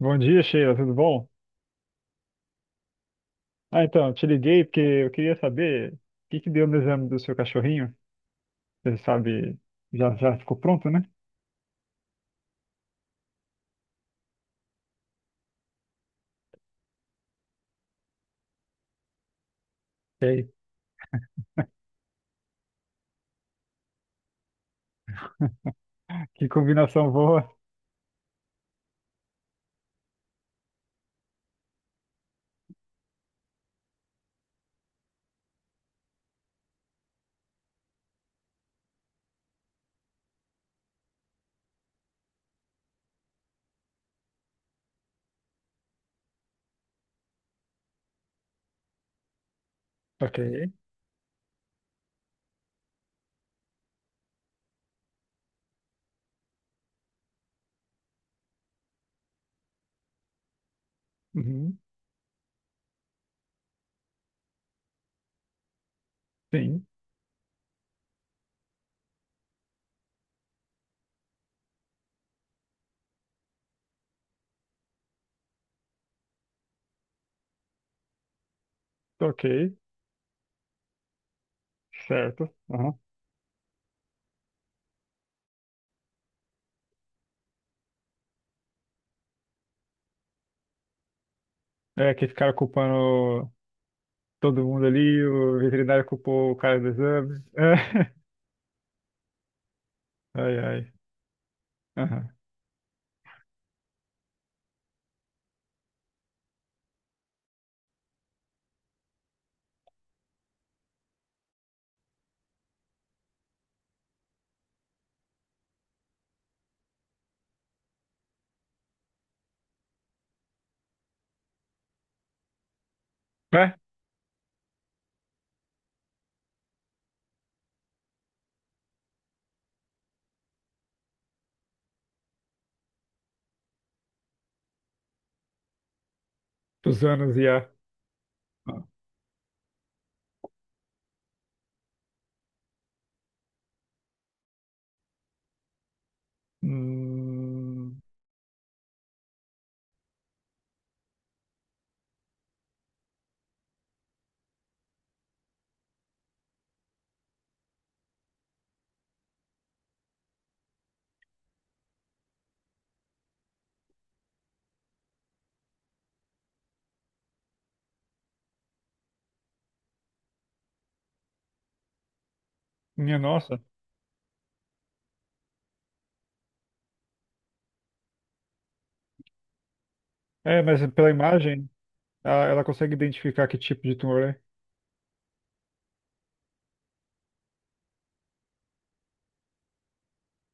Bom dia, Sheila, tudo bom? Eu te liguei porque eu queria saber o que deu no exame do seu cachorrinho. Você sabe, já ficou pronto, né? Ok. Que combinação boa. Ok. Uhum. Sim. Ok. Certo. Uhum. É que ficaram culpando todo mundo ali, o veterinário culpou o cara do exame. É. Ai, ai. Uhum. É, dos anos e a. Ah. Hum. Minha nossa. É, mas pela imagem, ela consegue identificar que tipo de tumor é.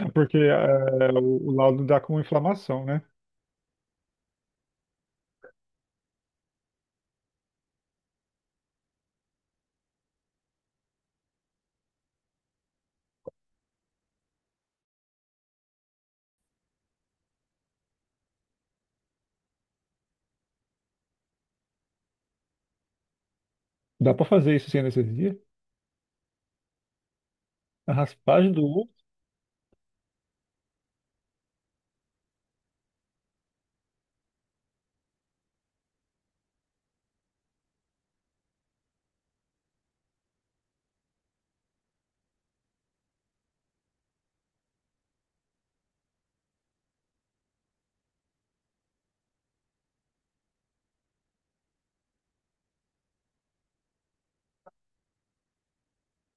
É. Porque é, o laudo dá com inflamação, né? Dá pra fazer isso sem anestesia? A raspagem do osso?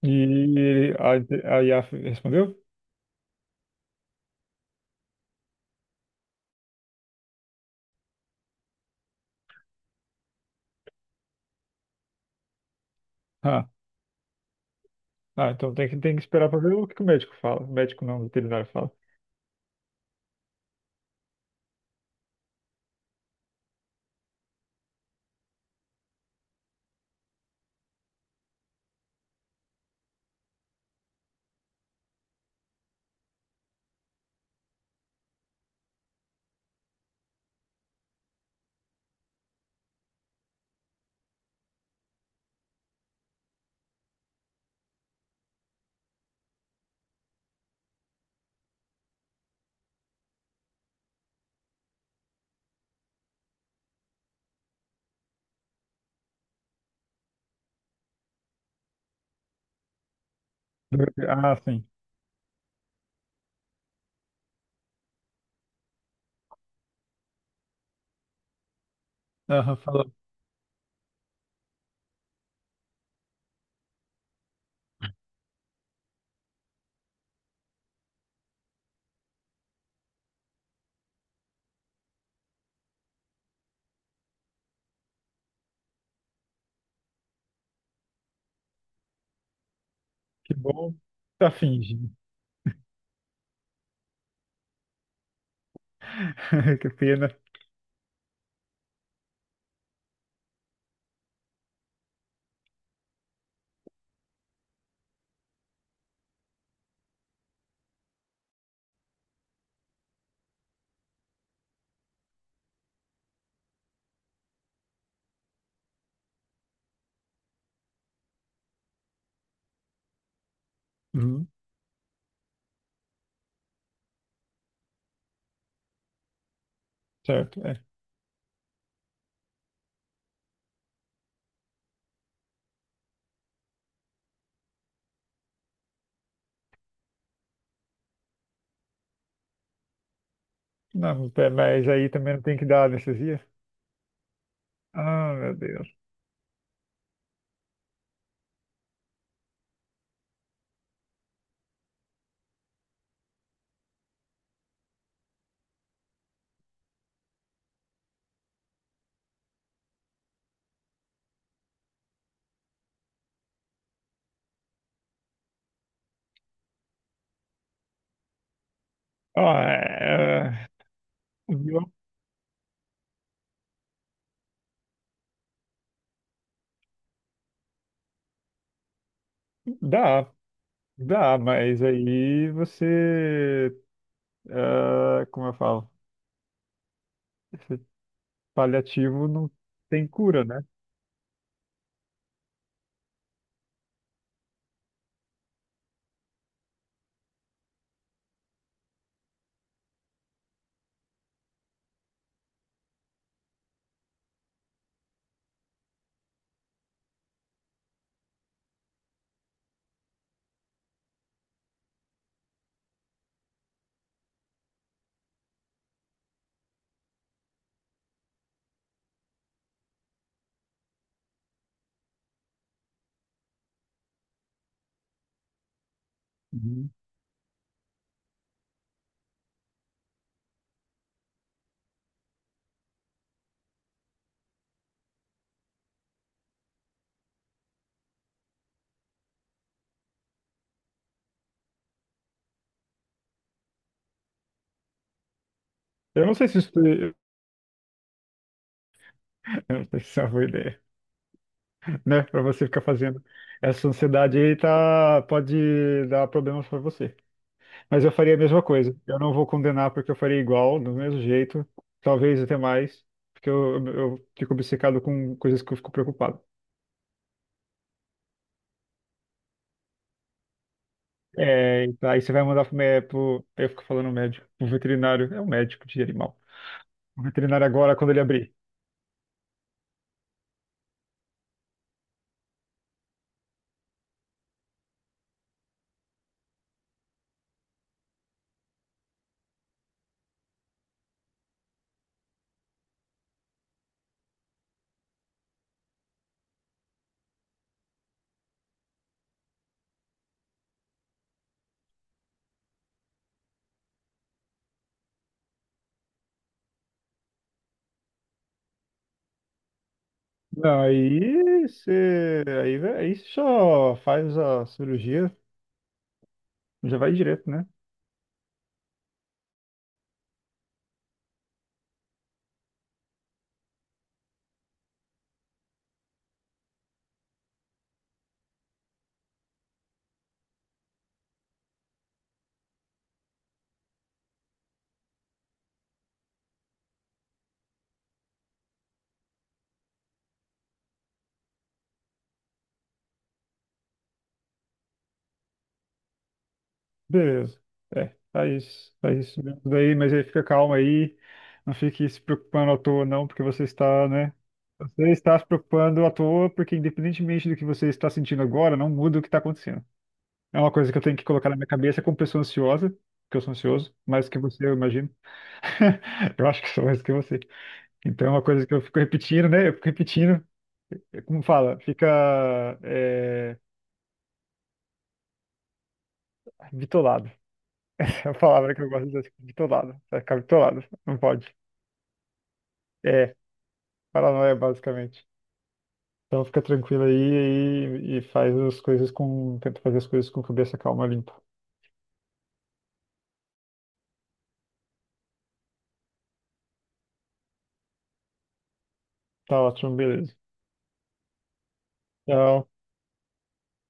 E a IAF respondeu? Ah. Então tem que esperar pra ver o que o médico fala. O médico não, o veterinário fala. Ah, sim. Aham, falou. Que bom. Tá fingindo. Que pena. Uhum. Certo, é. Não, é, mas aí também não tem que dar anestesia? Ah, meu Deus. Ah, é, é, viu? Dá. Dá, mas aí você, ah, como eu falo, esse paliativo não tem cura, né? Uhum. Eu não sei se isso, eu não sei se isso é uma boa ideia, né? Para você ficar fazendo essa ansiedade aí, tá, pode dar problemas para você. Mas eu faria a mesma coisa. Eu não vou condenar porque eu faria igual, do mesmo jeito, talvez até mais, porque eu fico obcecado com coisas que eu fico preocupado. É, então aí você vai mandar pro, pro, eu fico falando médico, pro veterinário, é um médico de animal. O veterinário agora, quando ele abrir. Não, aí você. Aí, vai aí você só faz a cirurgia, já vai direto, né? Beleza. É, faz isso mesmo daí, mas aí fica calmo aí. Não fique se preocupando à toa, não, porque você está, né? Você está se preocupando à toa, porque independentemente do que você está sentindo agora, não muda o que está acontecendo. É uma coisa que eu tenho que colocar na minha cabeça como pessoa ansiosa, que eu sou ansioso, mais que você, eu imagino. Eu acho que sou mais que você. Então é uma coisa que eu fico repetindo, né? Eu fico repetindo, é como fala, fica é, bitolado. É a palavra que eu gosto de usar, bitolado. Vai ficar bitolado, não pode. É, paranoia, basicamente. Então fica tranquilo aí e faz as coisas com. Tenta fazer as coisas com cabeça calma, limpa. Tá ótimo, beleza. Tchau.